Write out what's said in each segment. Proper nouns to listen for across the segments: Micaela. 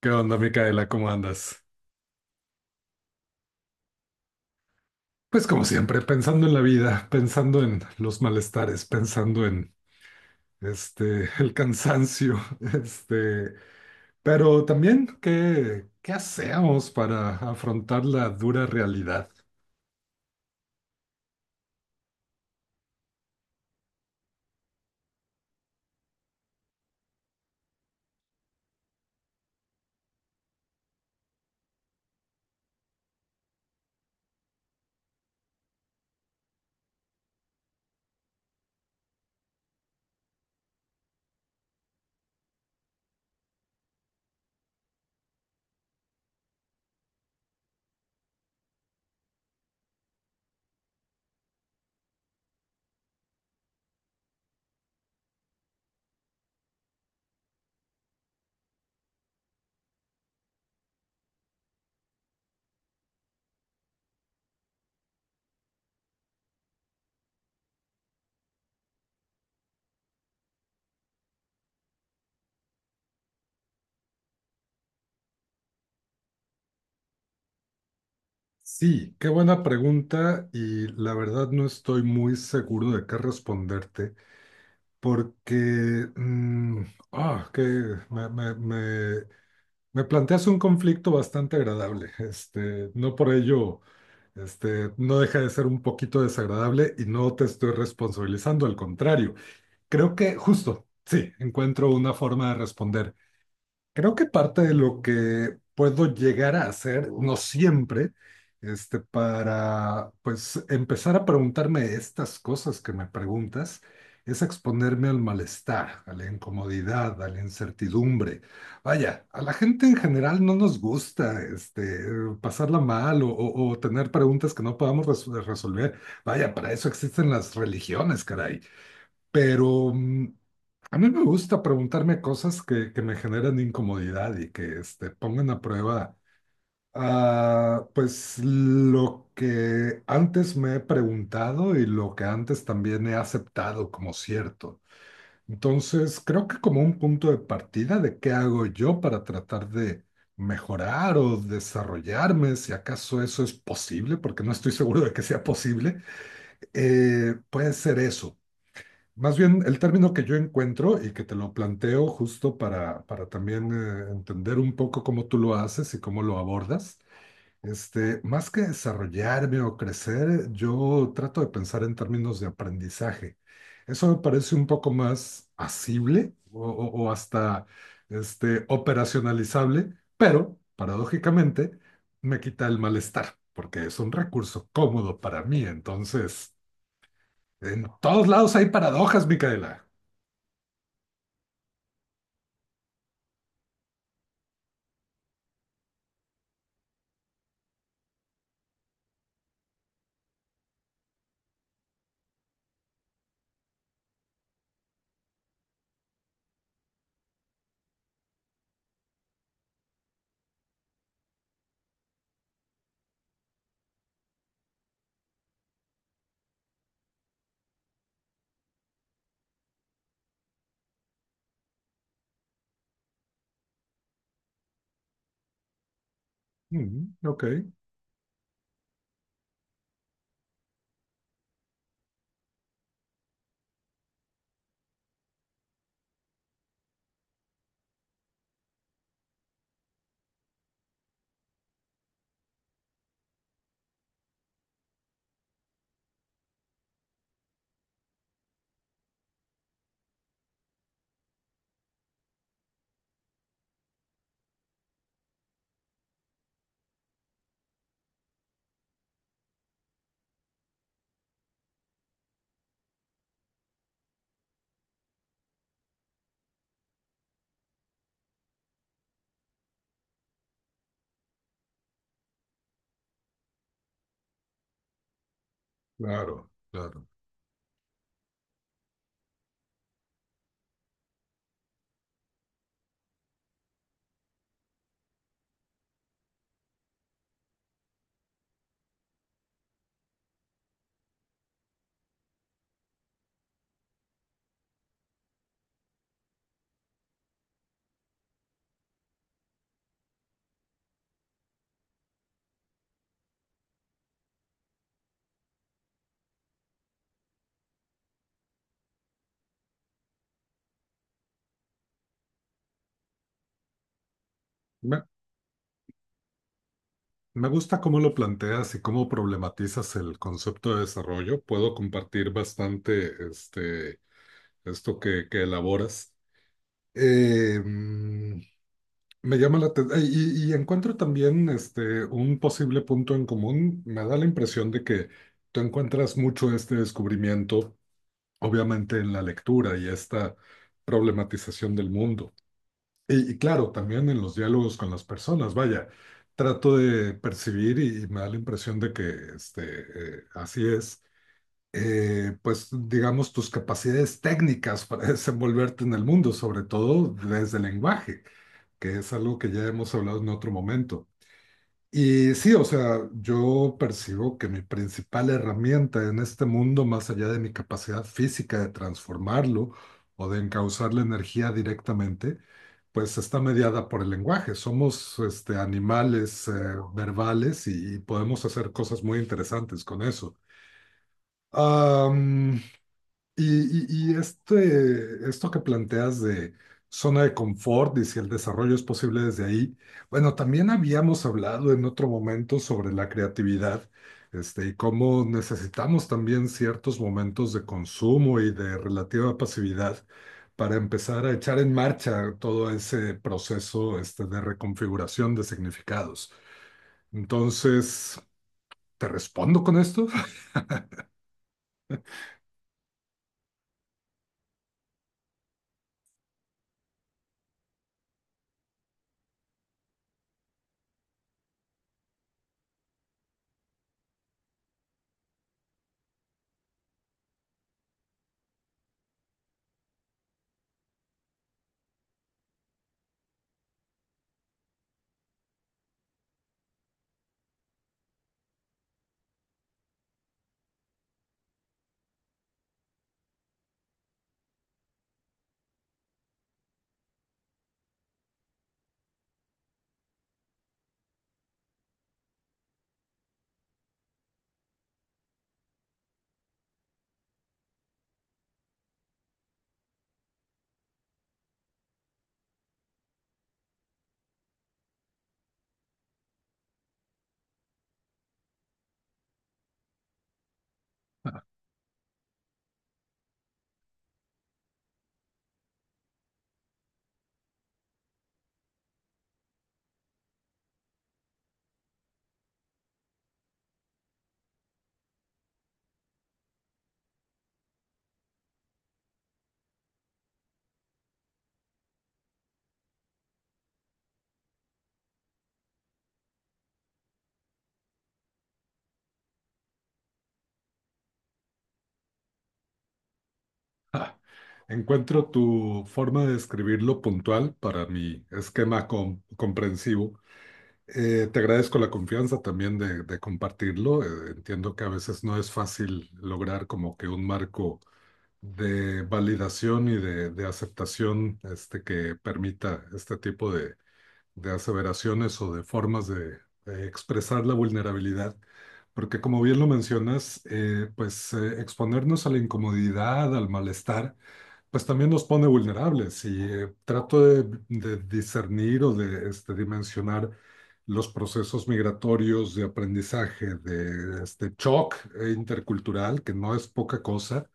¿Qué onda, Micaela? ¿Cómo andas? Pues como siempre, pensando en la vida, pensando en los malestares, pensando en el cansancio, este, pero también qué hacemos para afrontar la dura realidad. Sí, qué buena pregunta y la verdad no estoy muy seguro de qué responderte porque mm, ah, que me, me- me me planteas un conflicto bastante agradable. No por ello, no deja de ser un poquito desagradable y no te estoy responsabilizando, al contrario. Creo que justo, sí, encuentro una forma de responder. Creo que parte de lo que puedo llegar a hacer, no siempre, para pues empezar a preguntarme estas cosas que me preguntas, es exponerme al malestar, a la incomodidad, a la incertidumbre. Vaya, a la gente en general no nos gusta pasarla mal o tener preguntas que no podamos resolver. Vaya, para eso existen las religiones, caray, pero a mí me gusta preguntarme cosas que me generan incomodidad y que pongan a prueba pues lo que antes me he preguntado y lo que antes también he aceptado como cierto. Entonces, creo que como un punto de partida de qué hago yo para tratar de mejorar o desarrollarme, si acaso eso es posible, porque no estoy seguro de que sea posible, puede ser eso, más bien, el término que yo encuentro y que te lo planteo justo para también entender un poco cómo tú lo haces y cómo lo abordas. Más que desarrollarme o crecer, yo trato de pensar en términos de aprendizaje. Eso me parece un poco más asible o hasta operacionalizable, pero paradójicamente me quita el malestar, porque es un recurso cómodo para mí. Entonces, en todos lados hay paradojas, Micaela. Mm, ok, claro, claro. Me, Me gusta cómo lo planteas y cómo problematizas el concepto de desarrollo. Puedo compartir bastante esto que elaboras. Eh, mm, Me llama la atención y encuentro también un posible punto en común. Me da la impresión de que tú encuentras mucho este descubrimiento, obviamente en la lectura y esta problematización del mundo. Y claro, también en los diálogos con las personas, vaya, trato de percibir y me da la impresión de que así es, pues digamos tus capacidades técnicas para desenvolverte en el mundo, sobre todo desde el lenguaje, que es algo que ya hemos hablado en otro momento. Y sí, o sea, yo percibo que mi principal herramienta en este mundo, más allá de mi capacidad física de transformarlo o de encauzar la energía directamente, pues está mediada por el lenguaje. Somos animales verbales y podemos hacer cosas muy interesantes con eso. Y esto que planteas de zona de confort y si el desarrollo es posible desde ahí, bueno, también habíamos hablado en otro momento sobre la creatividad, y cómo necesitamos también ciertos momentos de consumo y de relativa pasividad para empezar a echar en marcha todo ese proceso, de reconfiguración de significados. Entonces, ¿te respondo con esto? Ah, Encuentro tu forma de describirlo puntual para mi esquema comprensivo. Te agradezco la confianza también de compartirlo. Entiendo que a veces no es fácil lograr como que un marco de validación y de aceptación que permita este tipo de aseveraciones o de formas de expresar la vulnerabilidad. Porque como bien lo mencionas, exponernos a la incomodidad, al malestar, pues también nos pone vulnerables y trato de discernir o de dimensionar los procesos migratorios de aprendizaje, de este shock intercultural, que no es poca cosa,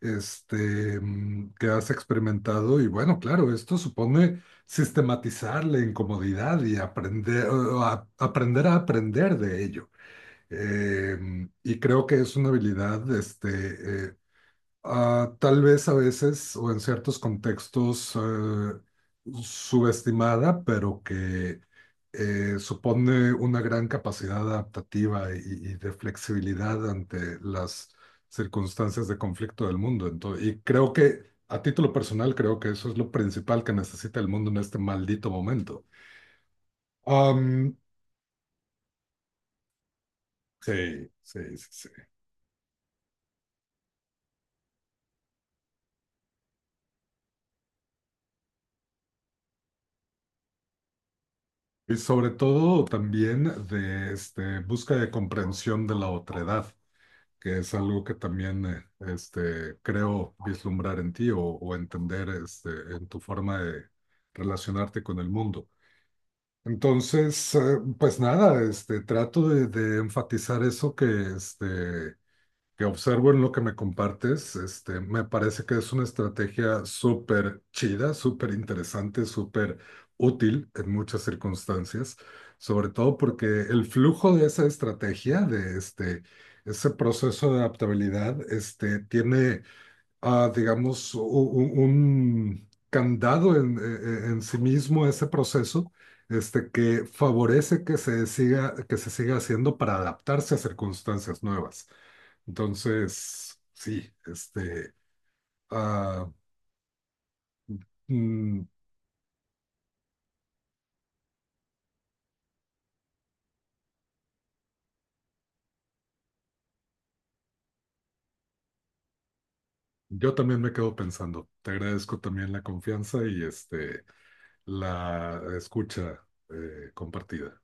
que has experimentado. Y bueno, claro, esto supone sistematizar la incomodidad y aprender, o aprender a aprender de ello. Eh, y creo que es una habilidad tal vez a veces o en ciertos contextos subestimada, pero que supone una gran capacidad adaptativa y de flexibilidad ante las circunstancias de conflicto del mundo. Entonces, y creo que a título personal creo que eso es lo principal que necesita el mundo en este maldito momento. Am, sí, sí, sí, sí. Y sobre todo también de busca de comprensión de la otredad, que es algo que también creo vislumbrar en ti o entender en tu forma de relacionarte con el mundo. Entonces, pues nada, trato de enfatizar eso que este, que observo en lo que me compartes. Me parece que es una estrategia súper chida, súper interesante, súper útil en muchas circunstancias, sobre todo porque el flujo de esa estrategia, de ese proceso de adaptabilidad, tiene, digamos, un candado en, en sí mismo ese proceso. Que favorece que se siga haciendo para adaptarse a circunstancias nuevas. Entonces, sí, ah, mm, yo también me quedo pensando. Te agradezco también la confianza y la escucha compartida.